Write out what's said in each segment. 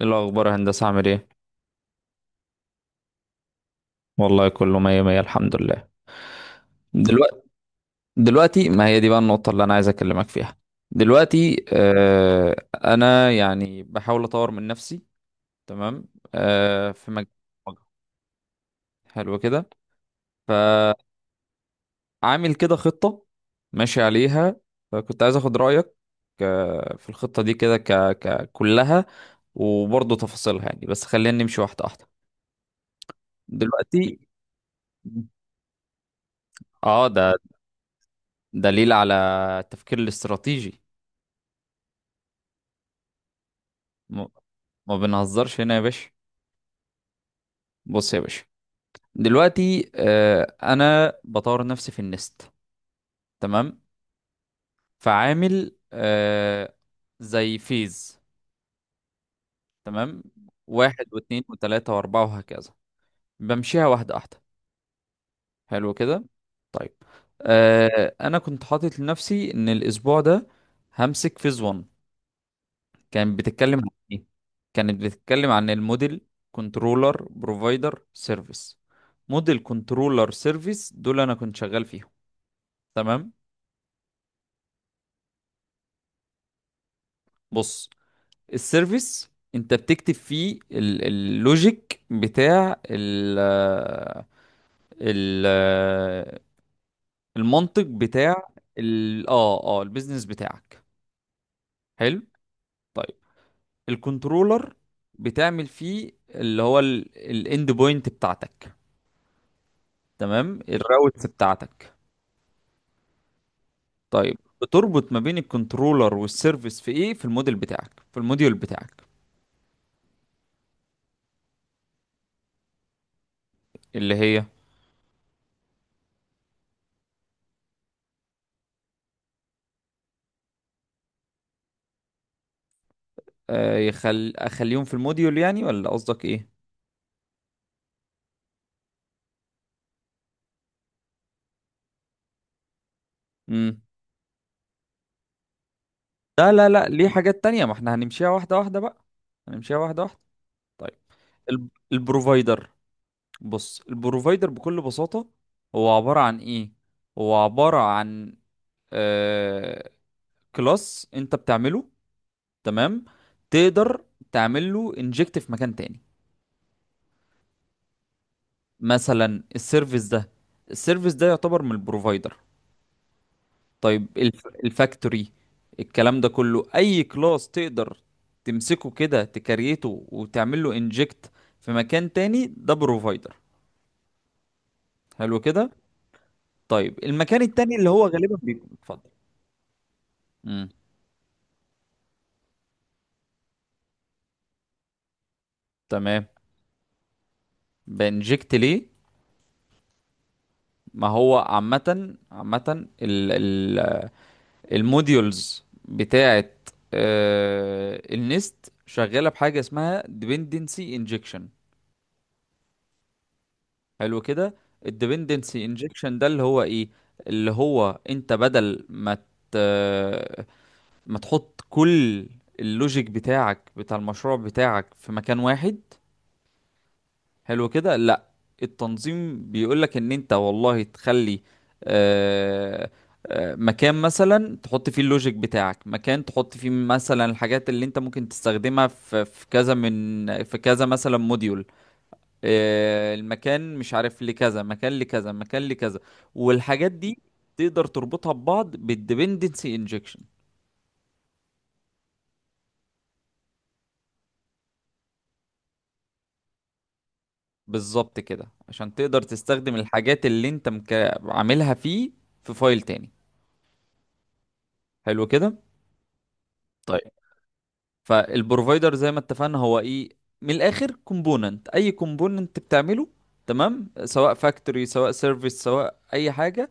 إيه الأخبار يا هندسة عامل ايه؟ والله كله مية مية. الحمد لله. دلوقتي دلوقتي، ما هي دي بقى النقطة اللي أنا عايز أكلمك فيها. دلوقتي أنا يعني بحاول أطور من نفسي. تمام. في مجال البرمجة. حلو كده. فعامل كده خطة ماشي عليها، فكنت عايز أخد رأيك في الخطة دي كده كلها، وبرضه تفاصيلها، يعني بس خلينا نمشي واحدة واحدة. دلوقتي اه ده دليل على التفكير الاستراتيجي. م- ما بنهزرش هنا يا باشا. بص يا باشا، دلوقتي انا بطور نفسي في النست. تمام. فعامل زي فيز. تمام، واحد واتنين وتلاتة واربعة وهكذا. بمشيها واحدة واحدة. حلو كده. طيب، انا كنت حاطط لنفسي ان الاسبوع ده همسك فيز 1. كانت بتتكلم عن ايه؟ كانت بتتكلم عن الموديل كنترولر بروفايدر سيرفيس. موديل كنترولر سيرفيس دول انا كنت شغال فيهم. تمام. بص، السيرفيس انت بتكتب فيه اللوجيك بتاع ال المنطق بتاع ال اه اه البيزنس بتاعك. حلو. طيب، الكنترولر بتعمل فيه اللي هو الاند بوينت بتاعتك، تمام، الراوتس بتاعتك. طيب بتربط ما بين الكنترولر والسيرفيس في ايه؟ في الموديل بتاعك، في الموديول بتاعك. اللي هي اخليهم في الموديول يعني، ولا قصدك ايه؟ امم. لا لا لا، ليه حاجات تانية، ما احنا هنمشيها واحدة واحدة بقى. هنمشيها واحدة واحدة. طيب، البروفايدر. بص، البروفايدر بكل بساطة هو عبارة عن ايه؟ هو عبارة عن آه... كلاس انت بتعمله، تمام، تقدر تعمل له انجكت في مكان تاني. مثلا السيرفيس ده، السيرفيس ده يعتبر من البروفايدر. طيب الفاكتوري، الكلام ده كله، اي كلاس تقدر تمسكه كده تكريته وتعمل له انجكت في مكان تاني، ده بروفايدر. حلو كده. طيب، المكان التاني اللي هو غالبا بيكون اتفضل. امم. تمام، بانجكت ليه؟ ما هو عامة عامة الموديولز بتاعت النست شغاله بحاجه اسمها dependency injection. حلو كده. ال dependency injection ده اللي هو ايه؟ اللي هو انت بدل ما ت... ما تحط كل اللوجيك بتاعك بتاع المشروع بتاعك في مكان واحد، حلو كده، لا، التنظيم بيقولك ان انت والله تخلي آه، مكان مثلا تحط فيه اللوجيك بتاعك، مكان تحط فيه مثلا الحاجات اللي انت ممكن تستخدمها في كذا، من في كذا، مثلا موديول المكان مش عارف، لكذا مكان لكذا مكان لكذا، والحاجات دي تقدر تربطها ببعض بالديبندنسي انجكشن. بالظبط كده، عشان تقدر تستخدم الحاجات اللي انت عاملها فيه في فايل تاني. حلو كده. فالبروفايدر زي ما اتفقنا هو ايه؟ من الاخر كومبوننت، اي كومبوننت بتعمله، تمام، سواء فاكتوري سواء سيرفيس سواء اي حاجه،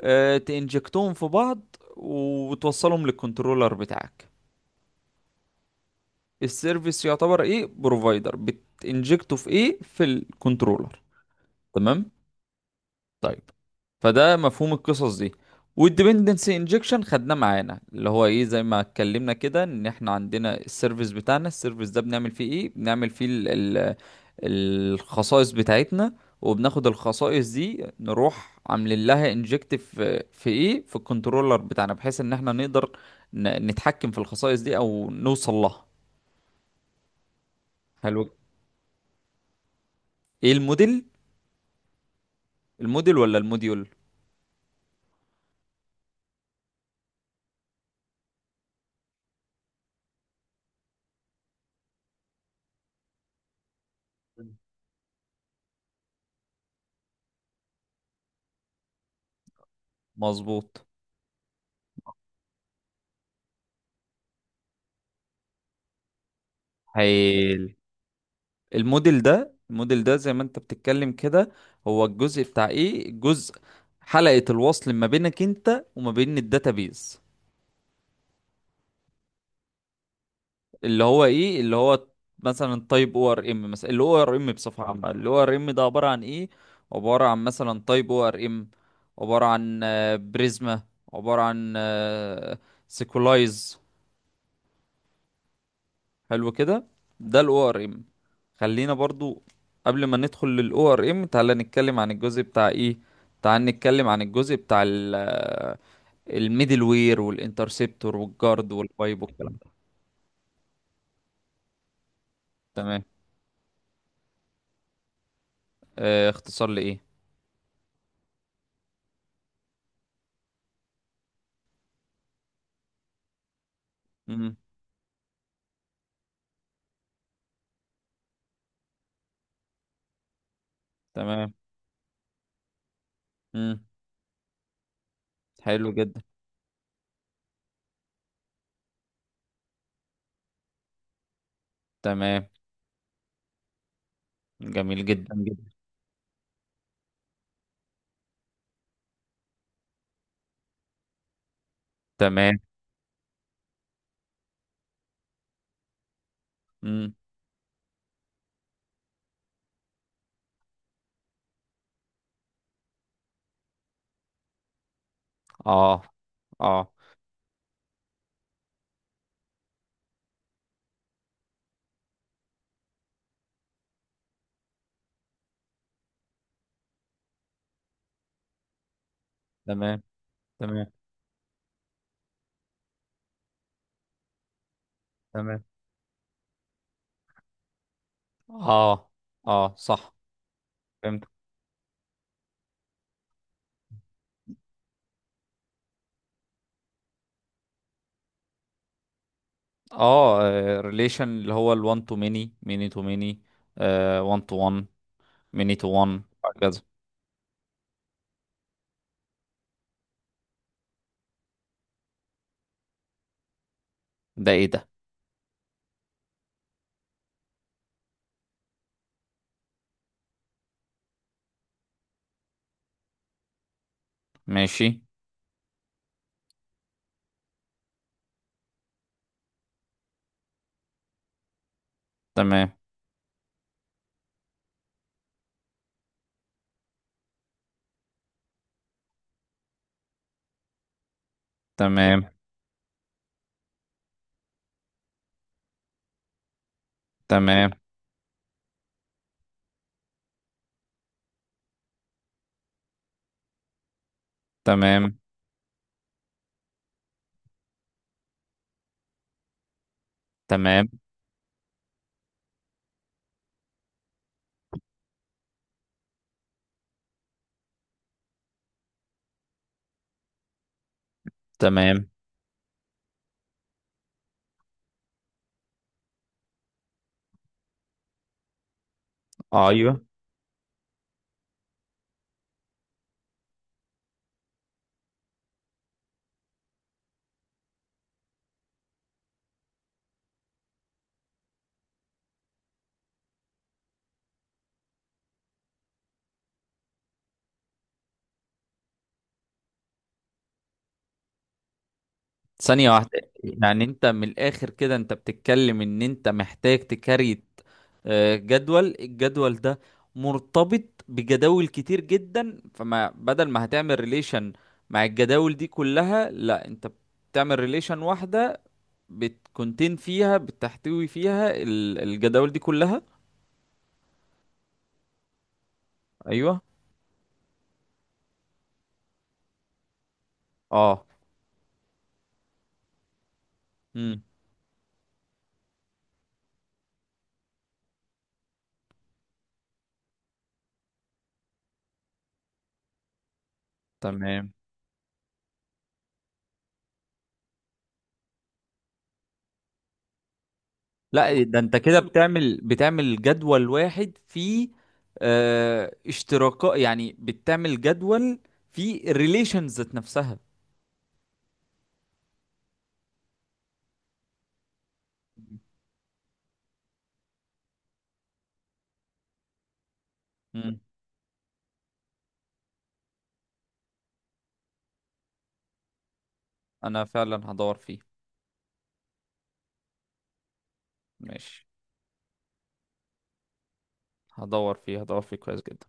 اه تنجكتهم في بعض وتوصلهم للكنترولر بتاعك. السيرفيس يعتبر ايه؟ بروفايدر، بتنجكته في ايه؟ في الكنترولر. تمام. طيب، فده مفهوم القصص دي. والديبندنسي انجكشن خدناه معانا، اللي هو ايه؟ زي ما اتكلمنا كده، ان احنا عندنا السيرفيس بتاعنا، السيرفيس ده بنعمل فيه ايه؟ بنعمل فيه ال الخصائص بتاعتنا، وبناخد الخصائص دي نروح عاملين لها انجكت في ايه؟ في الكنترولر بتاعنا، بحيث ان احنا نقدر نتحكم في الخصائص دي او نوصل لها. حلو. ايه الموديل؟ الموديل ولا الموديول؟ مظبوط. هايل. الموديل ده زي ما انت بتتكلم كده، هو الجزء بتاع ايه؟ جزء، حلقة الوصل ما بينك انت وما بين الداتابيز، اللي هو ايه؟ اللي هو مثلا تايب او ار ام، مثلا اللي هو ار ام بصفة عامة. اللي هو ار ام ده عبارة عن ايه؟ عبارة عن مثلا تايب او ار ام، عبارة عن بريزما، عبارة عن سيكولايز. حلو كده، ده الاو ار ام. خلينا برضو قبل ما ندخل للاو ار ام تعالى نتكلم عن الجزء بتاع ايه، تعال نتكلم عن الجزء بتاع الميدل وير والانترسبتور والجارد والبايب والكلام ده. تمام. اختصار لايه. امم. تمام. امم. حلو جدا. تمام. جميل جدا جدا. تمام. امم. اه اه. تمام. تمام. تمام. اه اه، صح، فهمت. اه. ريليشن اللي هو ال1 تو ميني، ميني تو ميني، 1 تو 1، ميني تو 1، هكذا. ده ايه ده؟ ماشي. تمام. تمام. تمام. تمام. تمام. تمام. ايوه. ثانية واحدة، يعني انت من الاخر كده انت بتتكلم ان انت محتاج تكريت الجدول ده مرتبط بجداول كتير جدا، فما بدل ما هتعمل ريليشن مع الجداول دي كلها، لا، انت بتعمل ريليشن واحدة بتكونتين فيها، بتحتوي فيها الجداول دي كلها. ايوه. اه. امم. تمام. لا ده انت كده بتعمل جدول واحد فيه اشتراكات، يعني بتعمل جدول فيه الريليشنز ذات نفسها. مم. انا فعلا هدور فيه. ماشي. هدور فيه هدور فيه كويس جدا.